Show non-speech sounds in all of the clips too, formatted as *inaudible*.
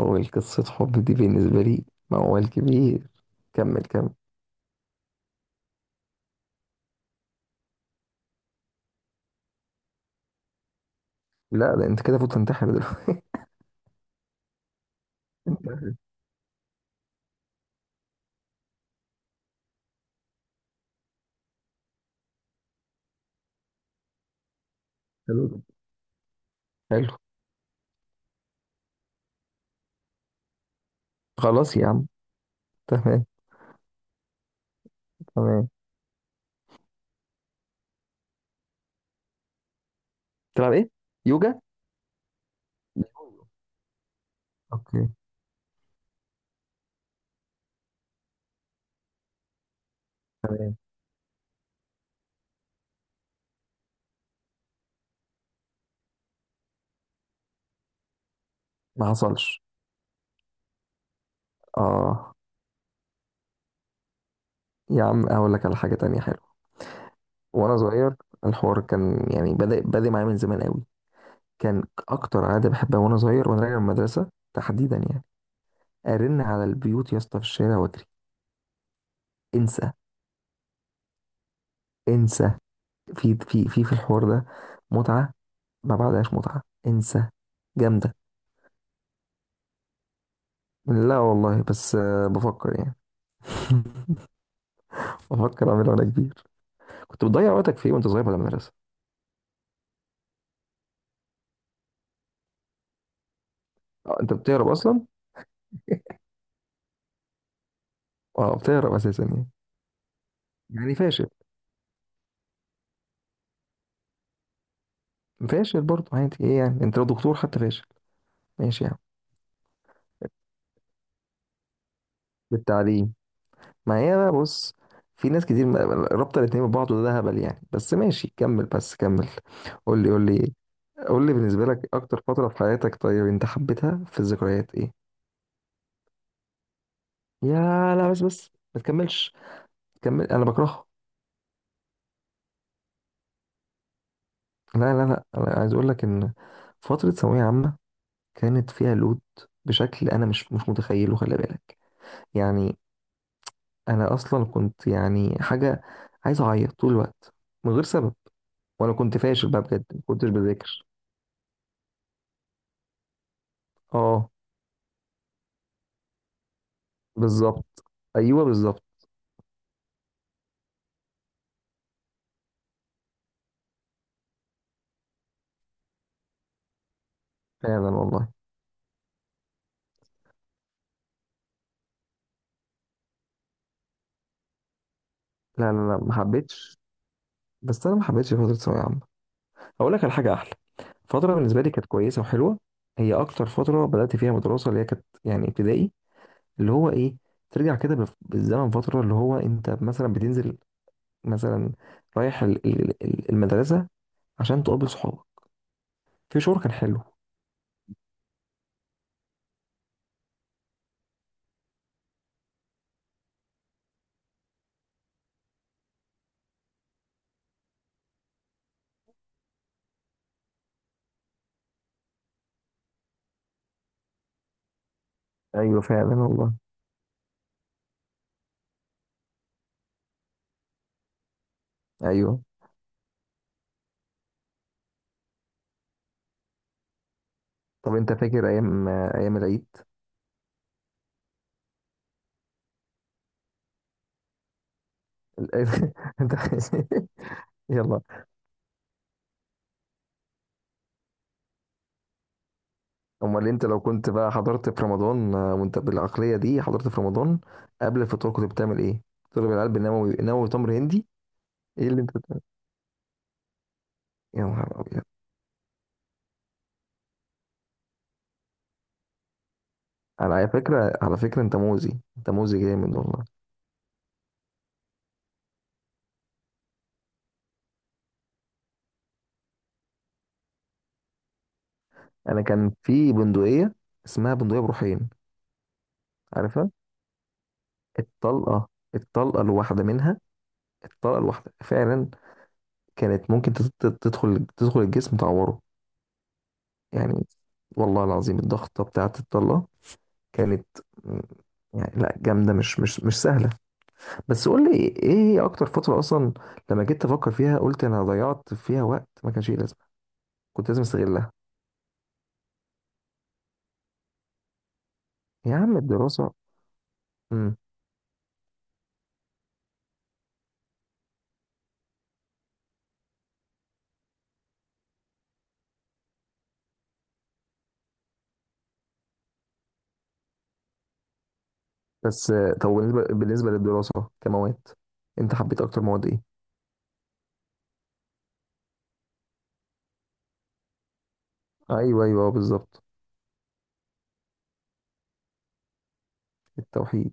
هو قصة حب دي بالنسبة لي موال كبير. كمل كمل. لا ده انت كده فوت تنتحر دلوقتي. *laughs* حلو. حلو. خلاص يا عم. تمام. تمام. تلعب ايه؟ يوجا؟ اوكي. ما حصلش. اه يا عم، اقول لك على حاجة تانية حلوة وانا صغير. الحوار كان يعني بدأ معايا من زمان قوي. كان اكتر عادة بحبها وانا صغير وانا راجع من المدرسة تحديدا، يعني ارن على البيوت يا اسطى في الشارع واجري. انسى انسى. في الحوار ده متعة، ما بعدهاش متعة. انسى. جامدة. لا والله، بس بفكر يعني. *laughs* بفكر اعملها وانا كبير. كنت بتضيع وقتك في ايه وانت صغير بعد المدرسة؟ انت بتهرب اصلا. اه بتهرب اساسا يعني. يعني فاشل. فاشل برضه عادي، ايه يعني انت لو دكتور حتى فاشل. ماشي يعني. بالتعليم. ما هي بقى بص، في ناس كتير ما- رابطة الاتنين ببعض وده هبل يعني، بس ماشي كمل، بس كمل. قول لي، قول لي. قول لي بالنسبة لك أكتر فترة في حياتك، طيب أنت حبيتها في الذكريات إيه؟ يا لا بس بس ما تكملش. كمل، انا بكرهها. لا انا عايز اقول لك ان فتره ثانويه عامه كانت فيها لود بشكل انا مش متخيله، خلي بالك. يعني انا اصلا كنت يعني حاجه، عايز اعيط طول الوقت من غير سبب. وانا كنت فاشل بقى بجد، ما كنتش بذاكر. اه بالظبط. ايوه بالظبط. فعلا والله. لا ما حبيتش. بس انا ما حبيتش فتره ثانويه عامه. اقول لك على حاجه احلى. فتره بالنسبه لي كانت كويسه وحلوه، هي اكتر فتره بدات فيها مدرسه، اللي هي كانت يعني ابتدائي، اللي هو ايه، ترجع كده بالف- بالزمن فترة، اللي هو انت مثلا بتنزل، مثلا رايح المدرسة عشان تقابل صحابك. في شعور كان حلو. ايوه فعلا والله. ايوه. طب انت فاكر ايام ايام العيد؟ الآن- *laughs* انت *laughs* يلا. امال انت لو كنت بقى حضرت في رمضان، وانت بالعقليه دي حضرت في رمضان، قبل الفطور كنت بتعمل ايه؟ تضرب العلب بالنووي، نووي تمر هندي؟ ايه اللي انت بتعمل؟ يا نهار ابيض. على فكره، على فكره انت موزي، انت موزي جامد والله. انا كان في بندقيه اسمها بندقيه بروحين، عارفها؟ الطلقه، الطلقه الواحده منها، الطلقه الواحده فعلا كانت ممكن تدخل، تدخل الجسم تعوره يعني. والله العظيم الضغطه بتاعه الطلقه كانت م- يعني لا جامده، مش سهله. بس قول لي ايه هي اكتر فتره اصلا لما جيت افكر فيها، قلت انا ضيعت فيها وقت ما كانش ليه لازمه، كنت لازم استغلها. يا عم الدراسه. امم. بس طب بالنسبه للدراسه كمواد، انت حبيت اكتر مواد ايه؟ ايوه ايوه بالظبط. التوحيد.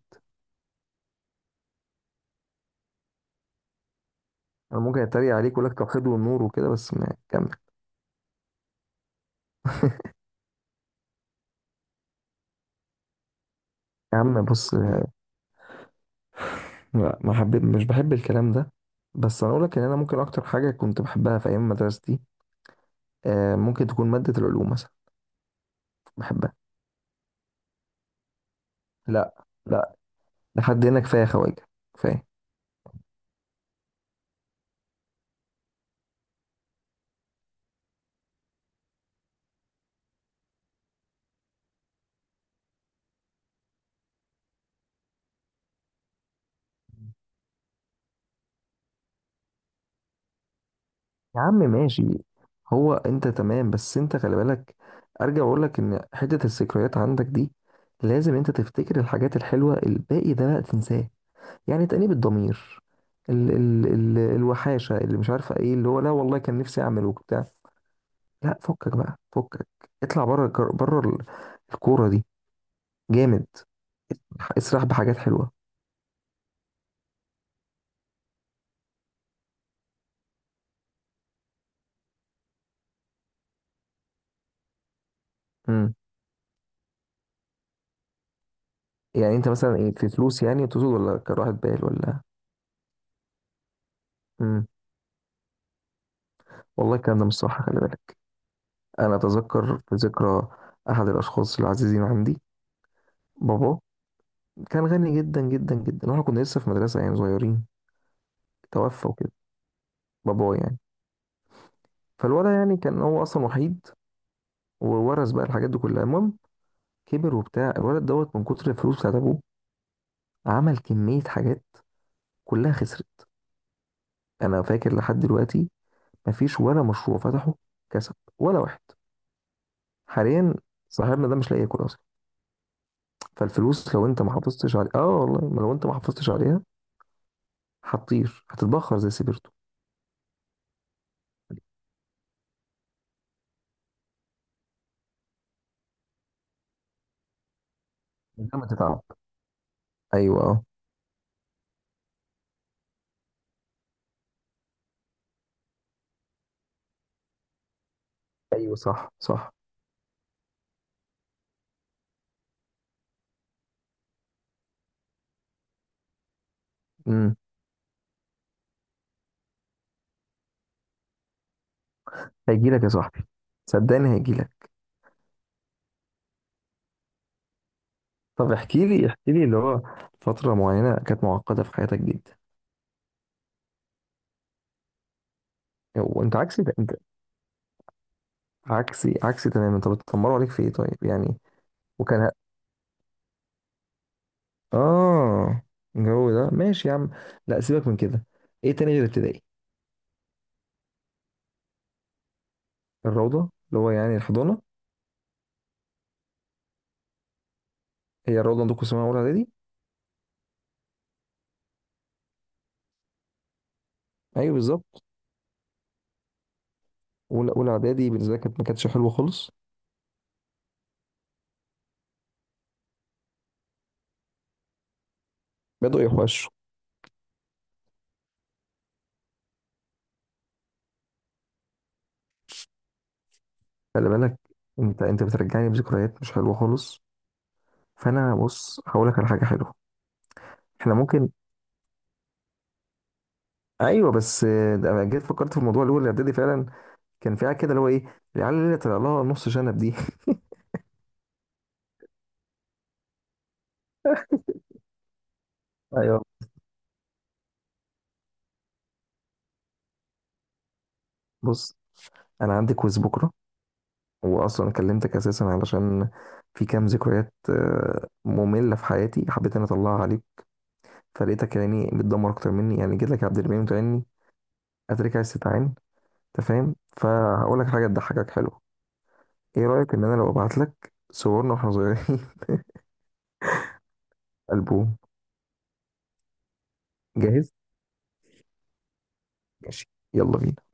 انا ممكن اتريق عليك اقول لك توحيد والنور وكده، بس ما كمل. يا عم بص، لا ما حبيت، مش بحب الكلام ده. بس انا اقول لك ان انا ممكن اكتر حاجه كنت بحبها في ايام مدرستي، ممكن تكون ماده العلوم مثلا. بحبها. لا. لا. لحد هنا كفايه خواجه، كفايه. يا عم ماشي، هو انت تمام بس انت خلي بالك. ارجع اقول لك ان حته الذكريات عندك دي لازم انت تفتكر الحاجات الحلوه، الباقي ده بقى تنساه. يعني تأنيب الضمير، ال ال ال الوحاشه اللي مش عارفه ايه، اللي هو لا والله كان نفسي اعمل وبتاع، لا فكك بقى، فكك. اطلع بره الكر- بره ال- الكوره دي. جامد. اسرح بحاجات حلوه. امم. يعني انت مثلا ايه، في فلوس يعني تقصد، ولا كراحه بال ولا؟ امم. والله الكلام ده مش صح، خلي بالك. أنا أتذكر في ذكرى أحد الأشخاص العزيزين عندي، بابا، كان غني جدا جدا جدا، وإحنا كنا لسه في مدرسة يعني صغيرين، توفى وكده بابا يعني. فالولد يعني كان هو أصلا وحيد، وورث بقى الحاجات دي كلها. المهم كبر وبتاع الولد دوت من كتر الفلوس بتاعت أبوه، عمل كمية حاجات، كلها خسرت. أنا فاكر لحد دلوقتي مفيش ولا مشروع فتحه كسب ولا واحد. حاليا صاحبنا ده مش لاقي ياكل أصلا. فالفلوس لو أنت ما حافظتش عليها، والله ما لو أنت ما حافظتش عليها هتطير، هتتبخر زي سيبرتو. من غير ما تتعب. ايوه اه. ايوه صح صح. امم. هيجي لك يا صاحبي، صدقني هيجي لك. طب احكي لي، احكي لي اللي هو فترة معينة كانت معقدة في حياتك جدا. وانت عكسي، ده انت عكسي، عكسي تماما. طب اتطمروا عليك في ايه طيب يعني؟ وكان ه- اه الجو ده ماشي يا عم، لا سيبك من كده. ايه تاني غير ابتدائي؟ الروضة. اللي هو يعني الحضانة. هي الروضة عندكم اسمها اولى اعدادي؟ ايوه بالظبط. اولى، اولى اعدادي بالنسبة لي كانت ما كانتش حلوة خالص. بدأوا يوحشوا. خلي بالك، انت بترجعني بذكريات مش حلوه خالص. فانا بص هقول لك على حاجه حلوه. احنا ممكن. ايوه بس ده أنا جيت فكرت في الموضوع اللي هو الاعدادي فعلا، كان في حاجه كده اللي هو ايه، العيال اللي طلع لها نص شنب دي. *laughs* ايوه. بص انا عندي كويز بكره، واصلا كلمتك اساسا علشان في كام ذكريات ممله في حياتي حبيت اني اطلعها عليك، فلقيتك يعني بتدمر اكتر مني، يعني جيت لك يا عبد الرحمن وتعني اترك عايز تتعين. انت فاهم، فهقول لك حاجه تضحكك حلوه. ايه رأيك ان انا لو ابعت لك صورنا واحنا صغيرين؟ *laughs* ألبوم. جاهز. ماشي. يلا بينا.